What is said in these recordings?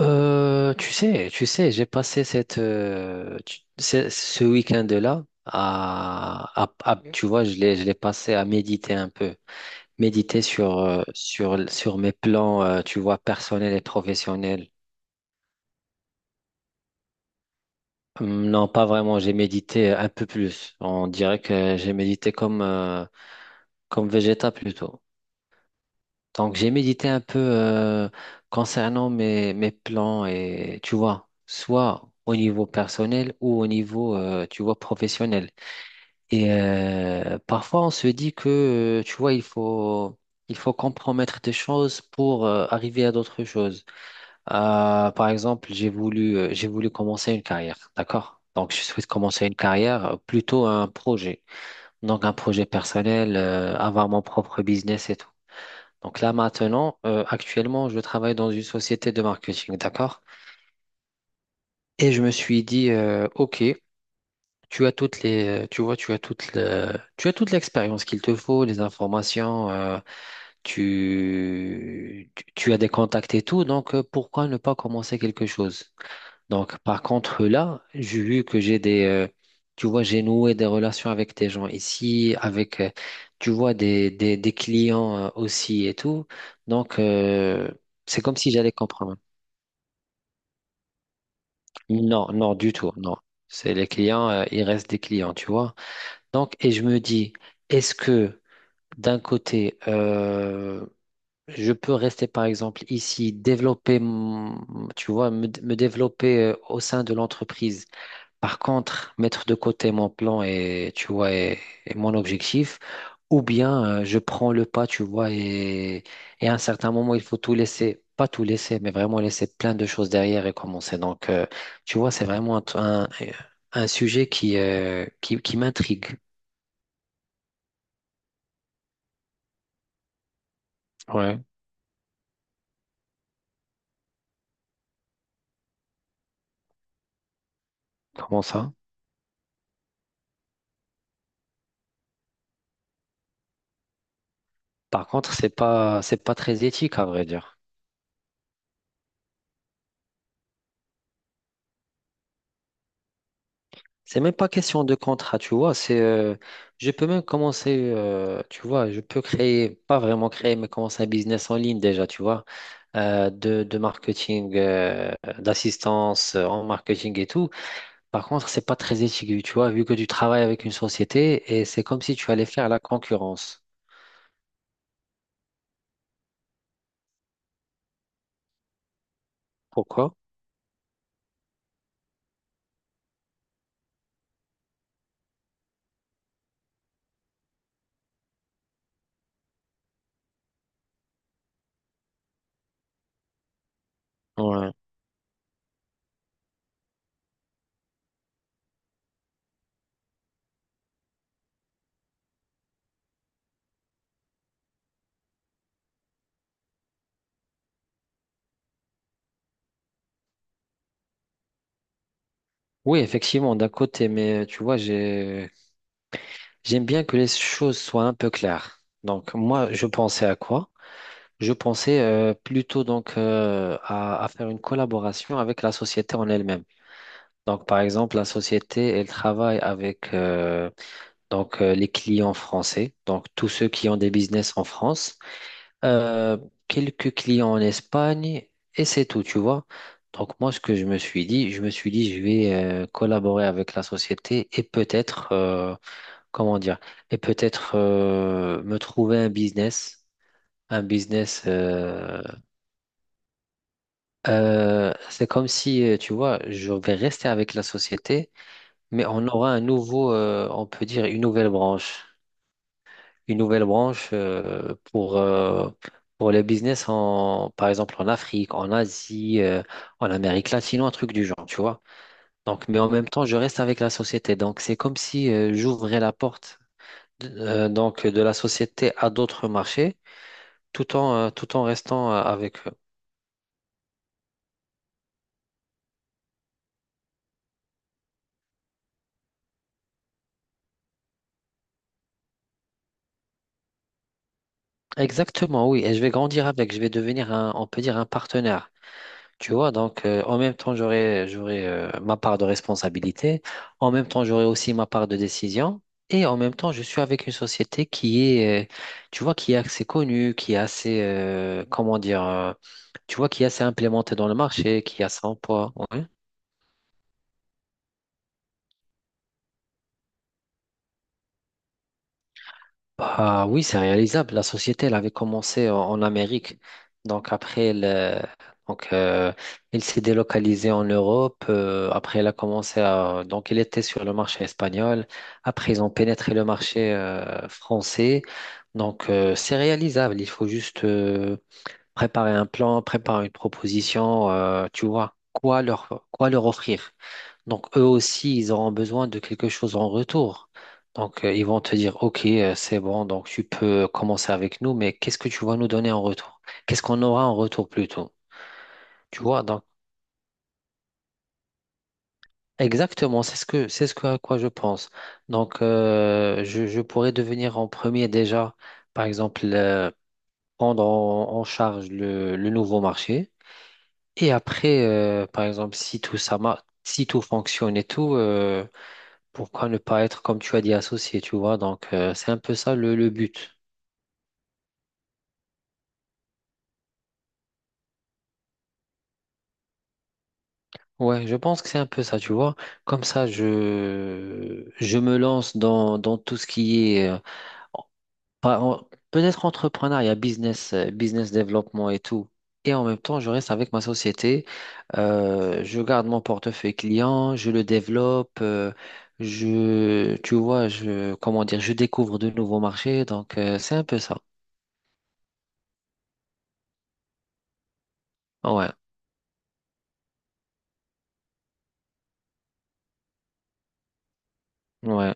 Tu sais, tu sais, j'ai passé ce, ce week-end-là tu vois, je l'ai passé à méditer un peu, méditer sur, sur mes plans, tu vois, personnels et professionnels. Non, pas vraiment, j'ai médité un peu plus. On dirait que j'ai médité comme Vegeta plutôt. Donc, j'ai médité un peu concernant mes, mes plans et tu vois, soit au niveau personnel ou au niveau, tu vois, professionnel. Et parfois, on se dit que, tu vois, il faut compromettre des choses pour arriver à d'autres choses. Par exemple, j'ai voulu commencer une carrière, d'accord? Donc, je souhaite commencer une carrière, plutôt un projet. Donc, un projet personnel, avoir mon propre business et tout. Donc là maintenant, actuellement, je travaille dans une société de marketing, d'accord? Et je me suis dit, ok, tu vois, tu as toute l'expérience qu'il te faut, les informations, tu as des contacts et tout, donc pourquoi ne pas commencer quelque chose? Donc, par contre, là, j'ai vu que j'ai tu vois, j'ai noué des relations avec des gens ici, avec, tu vois, des clients aussi et tout. Donc, c'est comme si j'allais comprendre. Non, non, du tout, non. C'est les clients, ils restent des clients, tu vois. Donc, et je me dis, est-ce que d'un côté, je peux rester, par exemple, ici, tu vois, me développer au sein de l'entreprise. Par contre, mettre de côté mon plan et, tu vois, et mon objectif, ou bien je prends le pas, tu vois, et à un certain moment, il faut tout laisser, pas tout laisser, mais vraiment laisser plein de choses derrière et commencer. Donc, tu vois, c'est vraiment un sujet qui m'intrigue. Ouais. Comment ça? Par contre, c'est pas très éthique, à vrai dire. C'est même pas question de contrat, tu vois. C'est, je peux même commencer, tu vois, je peux créer, pas vraiment créer, mais commencer un business en ligne déjà, tu vois, de marketing, d'assistance en marketing et tout. Par contre, c'est pas très éthique, tu vois, vu que tu travailles avec une société et c'est comme si tu allais faire la concurrence. Pourquoi? Ouais. Oui, effectivement, d'un côté, mais tu vois, j'ai, j'aime bien que les choses soient un peu claires. Donc, moi, je pensais à quoi? Je pensais plutôt donc à faire une collaboration avec la société en elle-même. Donc par exemple, la société, elle travaille avec donc les clients français, donc tous ceux qui ont des business en France, euh, quelques clients en Espagne et c'est tout, tu vois. Donc moi, ce que je me suis dit, je me suis dit, je vais collaborer avec la société et peut-être, comment dire, et peut-être me trouver un business, un business. C'est comme si, tu vois, je vais rester avec la société, mais on aura un nouveau, on peut dire une nouvelle branche. Une nouvelle branche pour les business, en, par exemple en Afrique, en Asie, en Amérique latine, un truc du genre, tu vois. Donc, mais en même temps, je reste avec la société. Donc, c'est comme si j'ouvrais la porte donc, de la société à d'autres marchés, tout en, tout en restant avec eux. Exactement, oui. Et je vais grandir avec, je vais devenir un, on peut dire un partenaire. Tu vois, donc en même temps, j'aurai ma part de responsabilité, en même temps, j'aurai aussi ma part de décision, et en même temps, je suis avec une société qui est, tu vois, qui est assez connue, qui est assez, comment dire, tu vois, qui est assez implémentée dans le marché, qui a son poids. Ouais. Bah oui, c'est réalisable. La société, elle avait commencé en Amérique. Donc après, elle, donc, elle s'est délocalisée en Europe. Après, elle a commencé à... Donc, elle était sur le marché espagnol. Après, ils ont pénétré le marché français. Donc, c'est réalisable. Il faut juste préparer un plan, préparer une proposition, tu vois, quoi leur offrir. Donc, eux aussi, ils auront besoin de quelque chose en retour. Donc, ils vont te dire, OK, c'est bon, donc tu peux commencer avec nous, mais qu'est-ce que tu vas nous donner en retour? Qu'est-ce qu'on aura en retour plutôt? Tu vois, donc, exactement, c'est ce que, à quoi je pense. Donc, je pourrais devenir en premier déjà, par exemple, prendre en charge le nouveau marché. Et après, par exemple, si tout fonctionne et tout, pourquoi ne pas être, comme tu as dit, associé, tu vois? Donc, c'est un peu ça le but. Ouais, je pense que c'est un peu ça, tu vois. Comme ça, je me lance dans, dans tout ce qui est peut-être entrepreneuriat, business, business développement et tout. Et en même temps, je reste avec ma société. Je garde mon portefeuille client, je le développe. Euh, je, tu vois, je, comment dire, je découvre de nouveaux marchés. Donc, c'est un peu ça. Ouais, ouais.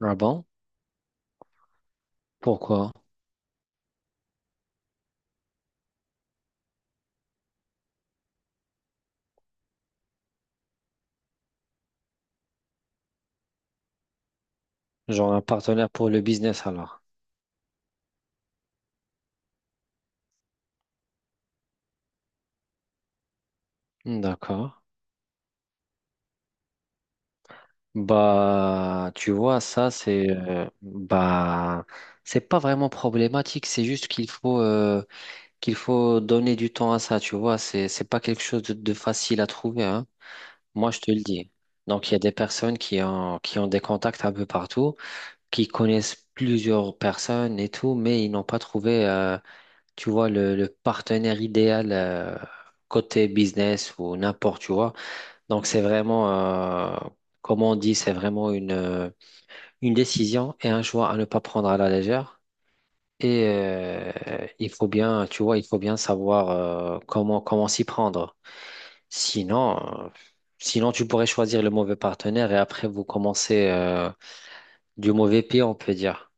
Ah bon? Pourquoi? Genre un partenaire pour le business alors. D'accord. Bah, tu vois, ça, c'est, bah, c'est pas vraiment problématique. C'est juste qu'il faut, qu'il faut donner du temps à ça, tu vois, c'est pas quelque chose de facile à trouver, hein. Moi, je te le dis. Donc, il y a des personnes qui ont des contacts un peu partout, qui connaissent plusieurs personnes et tout, mais ils n'ont pas trouvé, tu vois, le partenaire idéal côté business ou n'importe, tu vois. Donc, c'est vraiment, comme on dit, c'est vraiment une décision et un choix à ne pas prendre à la légère. Et tu vois, il faut bien savoir comment s'y prendre. Sinon, euh, sinon tu pourrais choisir le mauvais partenaire et après vous commencez du mauvais pied, on peut dire.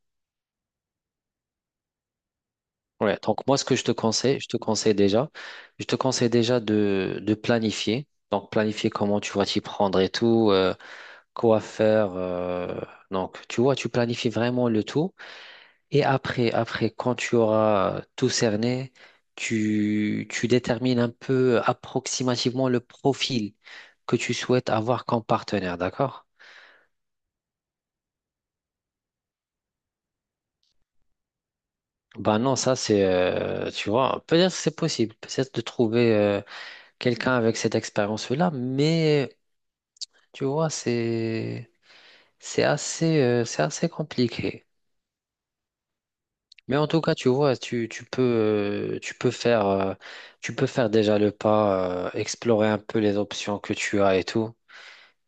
Ouais. Donc moi, ce que je te conseille, je te conseille déjà de planifier. Donc planifier comment tu vas t'y prendre et tout, quoi faire, donc tu vois, tu planifies vraiment le tout. Et après, quand tu auras tout cerné, tu détermines un peu approximativement le profil que tu souhaites avoir comme partenaire, d'accord? Ben non, ça c'est, tu vois, peut-être c'est possible, peut-être de trouver quelqu'un avec cette expérience-là, mais tu vois, c'est assez compliqué. Mais en tout cas, tu vois, tu peux, tu peux faire déjà le pas, explorer un peu les options que tu as et tout.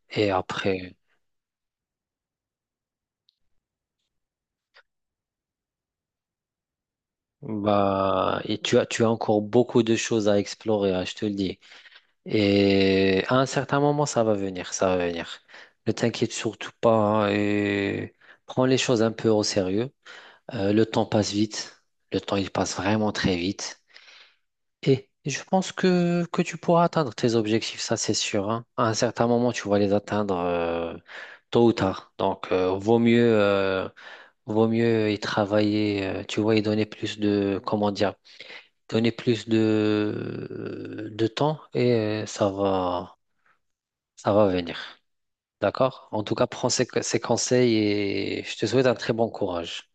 Et après, bah, et tu as encore beaucoup de choses à explorer, hein, je te le dis. Et à un certain moment, ça va venir, ça va venir. Ne t'inquiète surtout pas hein, et prends les choses un peu au sérieux. Le temps passe vite, le temps il passe vraiment très vite. Et je pense que tu pourras atteindre tes objectifs, ça c'est sûr, hein. À un certain moment, tu vas les atteindre tôt ou tard. Donc, vaut mieux, vaut mieux y travailler, tu vois, y donner plus de, comment dire, donner plus de temps et euh, ça va, ça va venir. D'accord? En tout cas, prends ces conseils et je te souhaite un très bon courage.